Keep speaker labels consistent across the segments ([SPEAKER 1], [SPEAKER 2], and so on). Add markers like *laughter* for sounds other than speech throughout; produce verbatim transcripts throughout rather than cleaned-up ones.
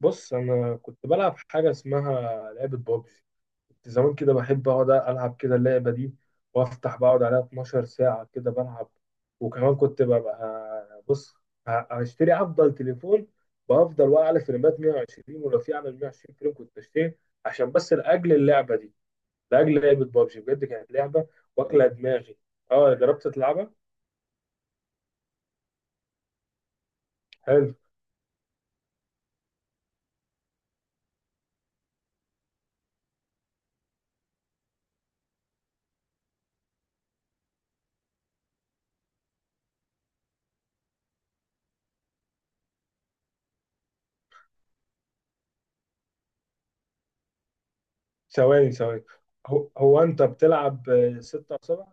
[SPEAKER 1] بص، انا كنت بلعب حاجه اسمها لعبه بابجي. كنت زمان كده بحب اقعد العب كده اللعبه دي، وافتح بقعد عليها اتناشر ساعه كده بلعب. وكمان كنت ببقى بص، ه- هشتري افضل تليفون بافضل، واقع على فريمات مية وعشرين، ولو في اعمل مية وعشرين فريم كنت اشتري، عشان بس لاجل اللعبه دي، لاجل لعبه بابجي. بجد كانت لعبه واكله دماغي. اه، جربت تلعبها؟ حلو. ثواني ثواني. هو, هو انت بتلعب، آه، ستة اصابع؟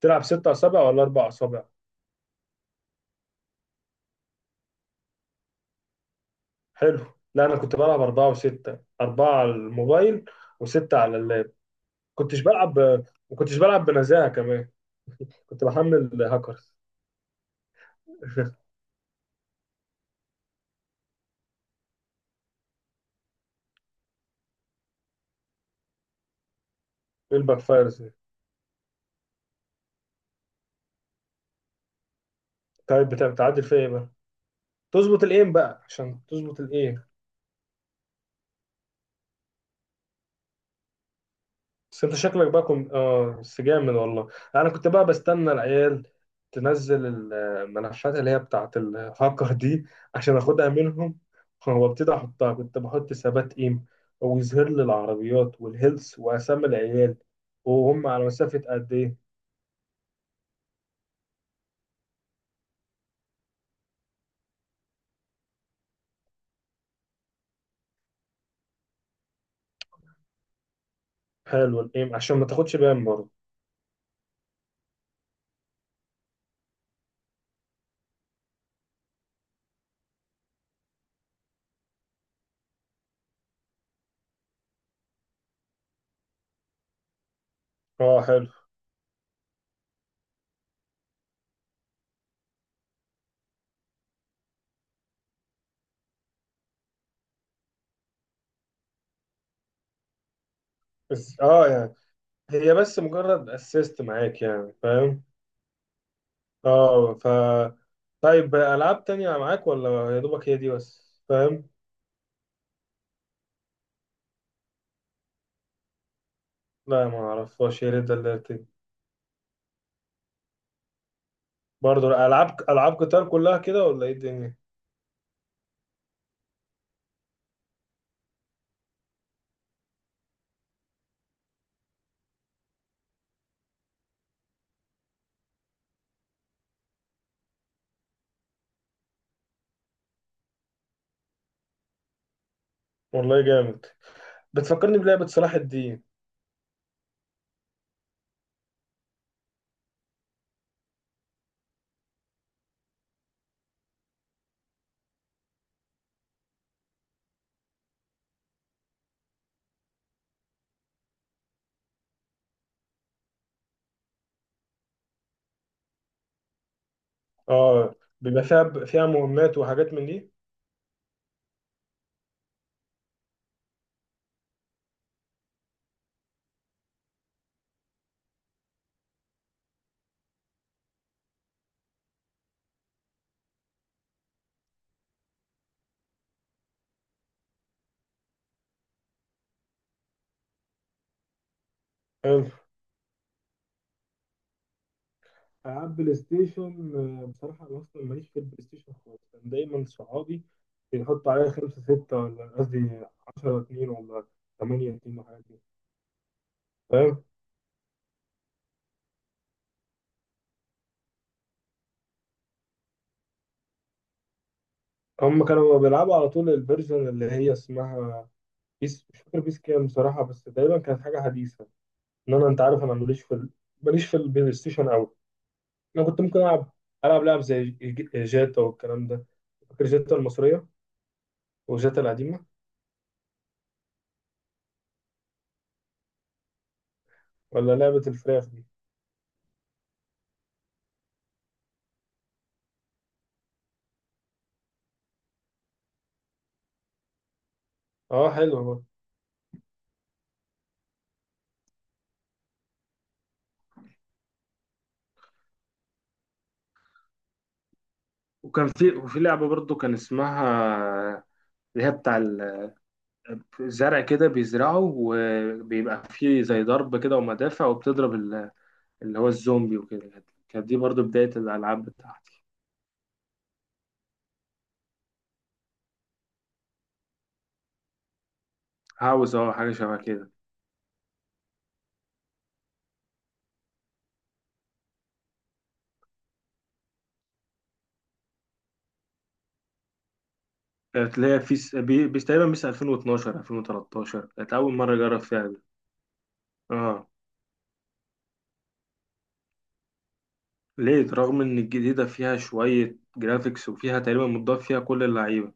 [SPEAKER 1] بتلعب ستة اصابع ولا اربع اصابع؟ حلو. لا، انا كنت بلعب اربعه وسته، اربعه على الموبايل وسته على اللاب. كنتش بلعب ما كنتش بلعب بنزاهه كمان. *laughs* كنت بحمل هاكرز. *laughs* ايه الباك فايرز دي؟ طيب بتع- بتعدل فيها ايه بقى؟ تظبط الايم بقى، عشان تظبط الايم. بس انت شكلك بقى كنت، اه بس جامد والله. انا كنت بقى بستنى العيال تنزل الملفات اللي هي بتاعت الهاكر دي، عشان اخدها منهم وابتدي احطها. كنت بحط ثبات ايم، ويظهر لي العربيات والهيلث واسامي العيال، وهم على مسافة قد ايه. حلو، الايم عشان ما تاخدش بان برضه. اه، حلو. بس اه، يعني هي بس مجرد اسيست معاك، يعني فاهم. اه ف طيب، العاب تانية معاك ولا يا دوبك هي دي بس؟ فاهم. لا، ما اعرفهاش، يا ريت دلرتني. برضه، العاب العاب قتال كلها كده ولا ايه الدنيا؟ والله جامد. بتفكرني بلعبة صلاح الدين. اه، بيبقى فيها فيها مهمات وحاجات من دي؟ حلو. العاب بلاي ستيشن. آه، بصراحة انا اصلا ماليش في البلاي ستيشن خالص. كان دايما صحابي بيحطوا عليا خمسة ستة، ولا قصدي عشرة اتنين، ولا تمانية اتنين وحاجات دي. فاهم. هم كانوا بيلعبوا على طول الفيرجن اللي هي اسمها بيس. مش فاكر بيس كام بصراحة، بس دايما كانت حاجة حديثة. ان انا، انت عارف انا ماليش في ال- ماليش في البلاي ستيشن قوي. انا كنت ممكن العب العب لعب زي ج- جاتا والكلام ده. فاكر جاتا المصريه؟ وجاتا القديمه. ولا لعبه الفراخ دي. اه، حلوه برضه. وكان في، وفي لعبة برضو كان اسمها، اللي هي بتاع ال- الزرع كده بيزرعه، وبيبقى فيه زي ضرب كده ومدافع، وبتضرب ال- اللي هو الزومبي، وكده كانت دي برضو بداية الألعاب بتاعتي. هاوس، اه حاجة شبه كده. كانت اللي هي في س- بي- بيس تقريبا، بيس ألفين واتناشر، ألفين وتلتاشر كانت أول مرة أجرب فيها دي. اه. ليه؟ رغم إن الجديدة فيها شوية جرافيكس، وفيها تقريبا متضاف فيها كل اللعيبة،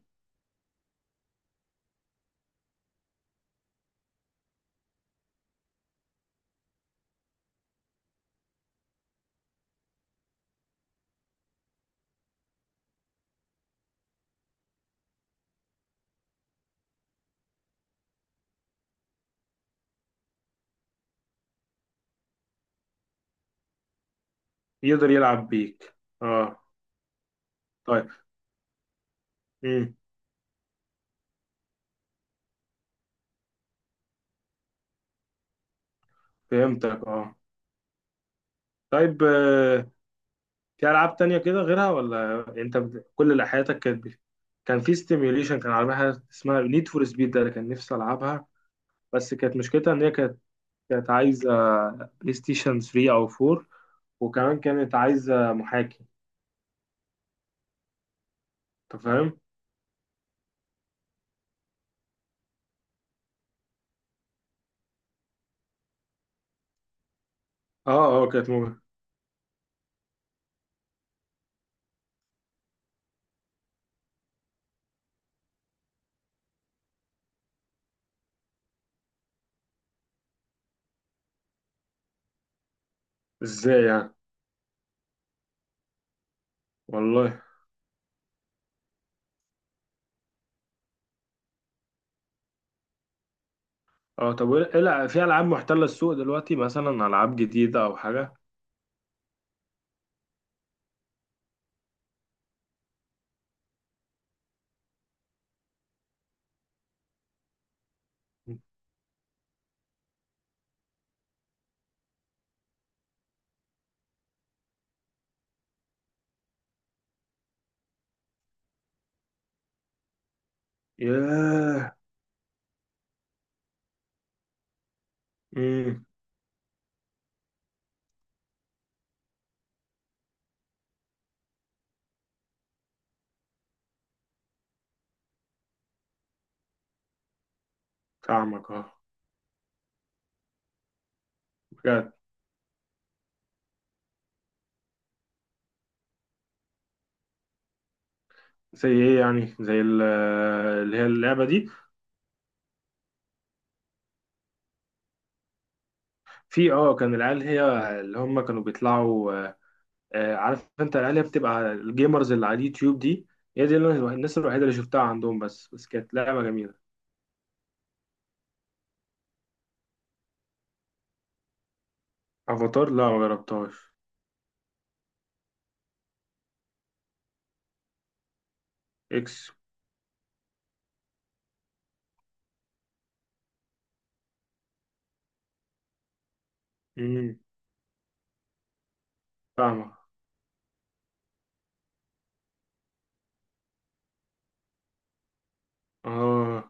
[SPEAKER 1] يقدر يلعب بيك. اه، طيب. امم فهمتك، اه، طيب، آه. في ألعاب تانية كده غيرها ولا أنت بت- كل اللي حياتك كانت بي- كان في ستيميوليشن. كان عربية حاجة اسمها نيد فور سبيد، ده اللي كان نفسي ألعبها. بس كانت مشكلتها إن هي كانت كانت عايزة بلاي ستيشن تلاتة أو اربعة، وكمان كانت عايزة محاكي. انت فاهم. اه، اه، كانت مغرية. ازاي يعني؟ والله. اه، طب وايه، إيه الع- في العاب محتلة السوق دلوقتي، مثلا العاب جديدة او حاجة؟ ياه. امم فاهمك، اه. بجد. زي ايه يعني؟ زي ال- اللي هي اللعبه دي. في، اه كان العيال هي اللي هم كانوا بيطلعوا، آه، آه، عارف انت العيال هي بتبقى الجيمرز اللي على اليوتيوب دي. هي دي اللي أنا- الناس الوحيده اللي شفتها عندهم. بس بس كانت لعبه جميله. افاتار، لا ما جربتهاش. اكس. امم فاهمة. اه،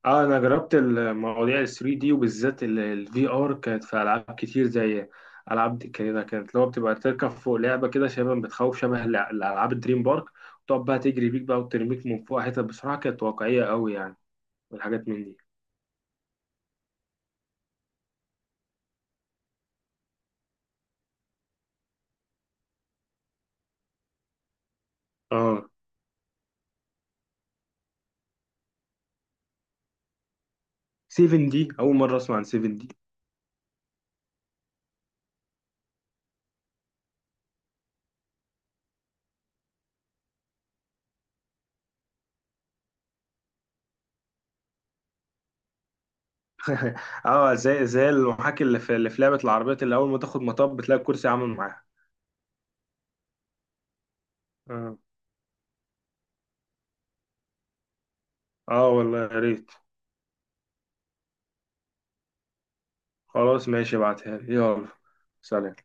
[SPEAKER 1] اه، انا جربت المواضيع ال ثري دي، وبالذات الفي ار، كانت في العاب كتير زي العاب دي كده. كانت اللي هو بتبقى تركب فوق لعبه كده، شبه بتخوف، شبه الع- الالعاب الدريم بارك، وتقعد بقى تجري بيك بقى وترميك من فوق حتت. بصراحه كانت واقعيه قوي يعني، والحاجات من دي. اه، سفن دي اول مره اسمع عن سفن دي. *laughs* اه، زي زي المحاكي اللي في، اللي في لعبه العربيات اللي اول ما تاخد مطب بتلاقي الكرسي عامل معاها. اه، اه، والله يا ريت. خلاص، ماشي، ابعتها لي يلا. سلام.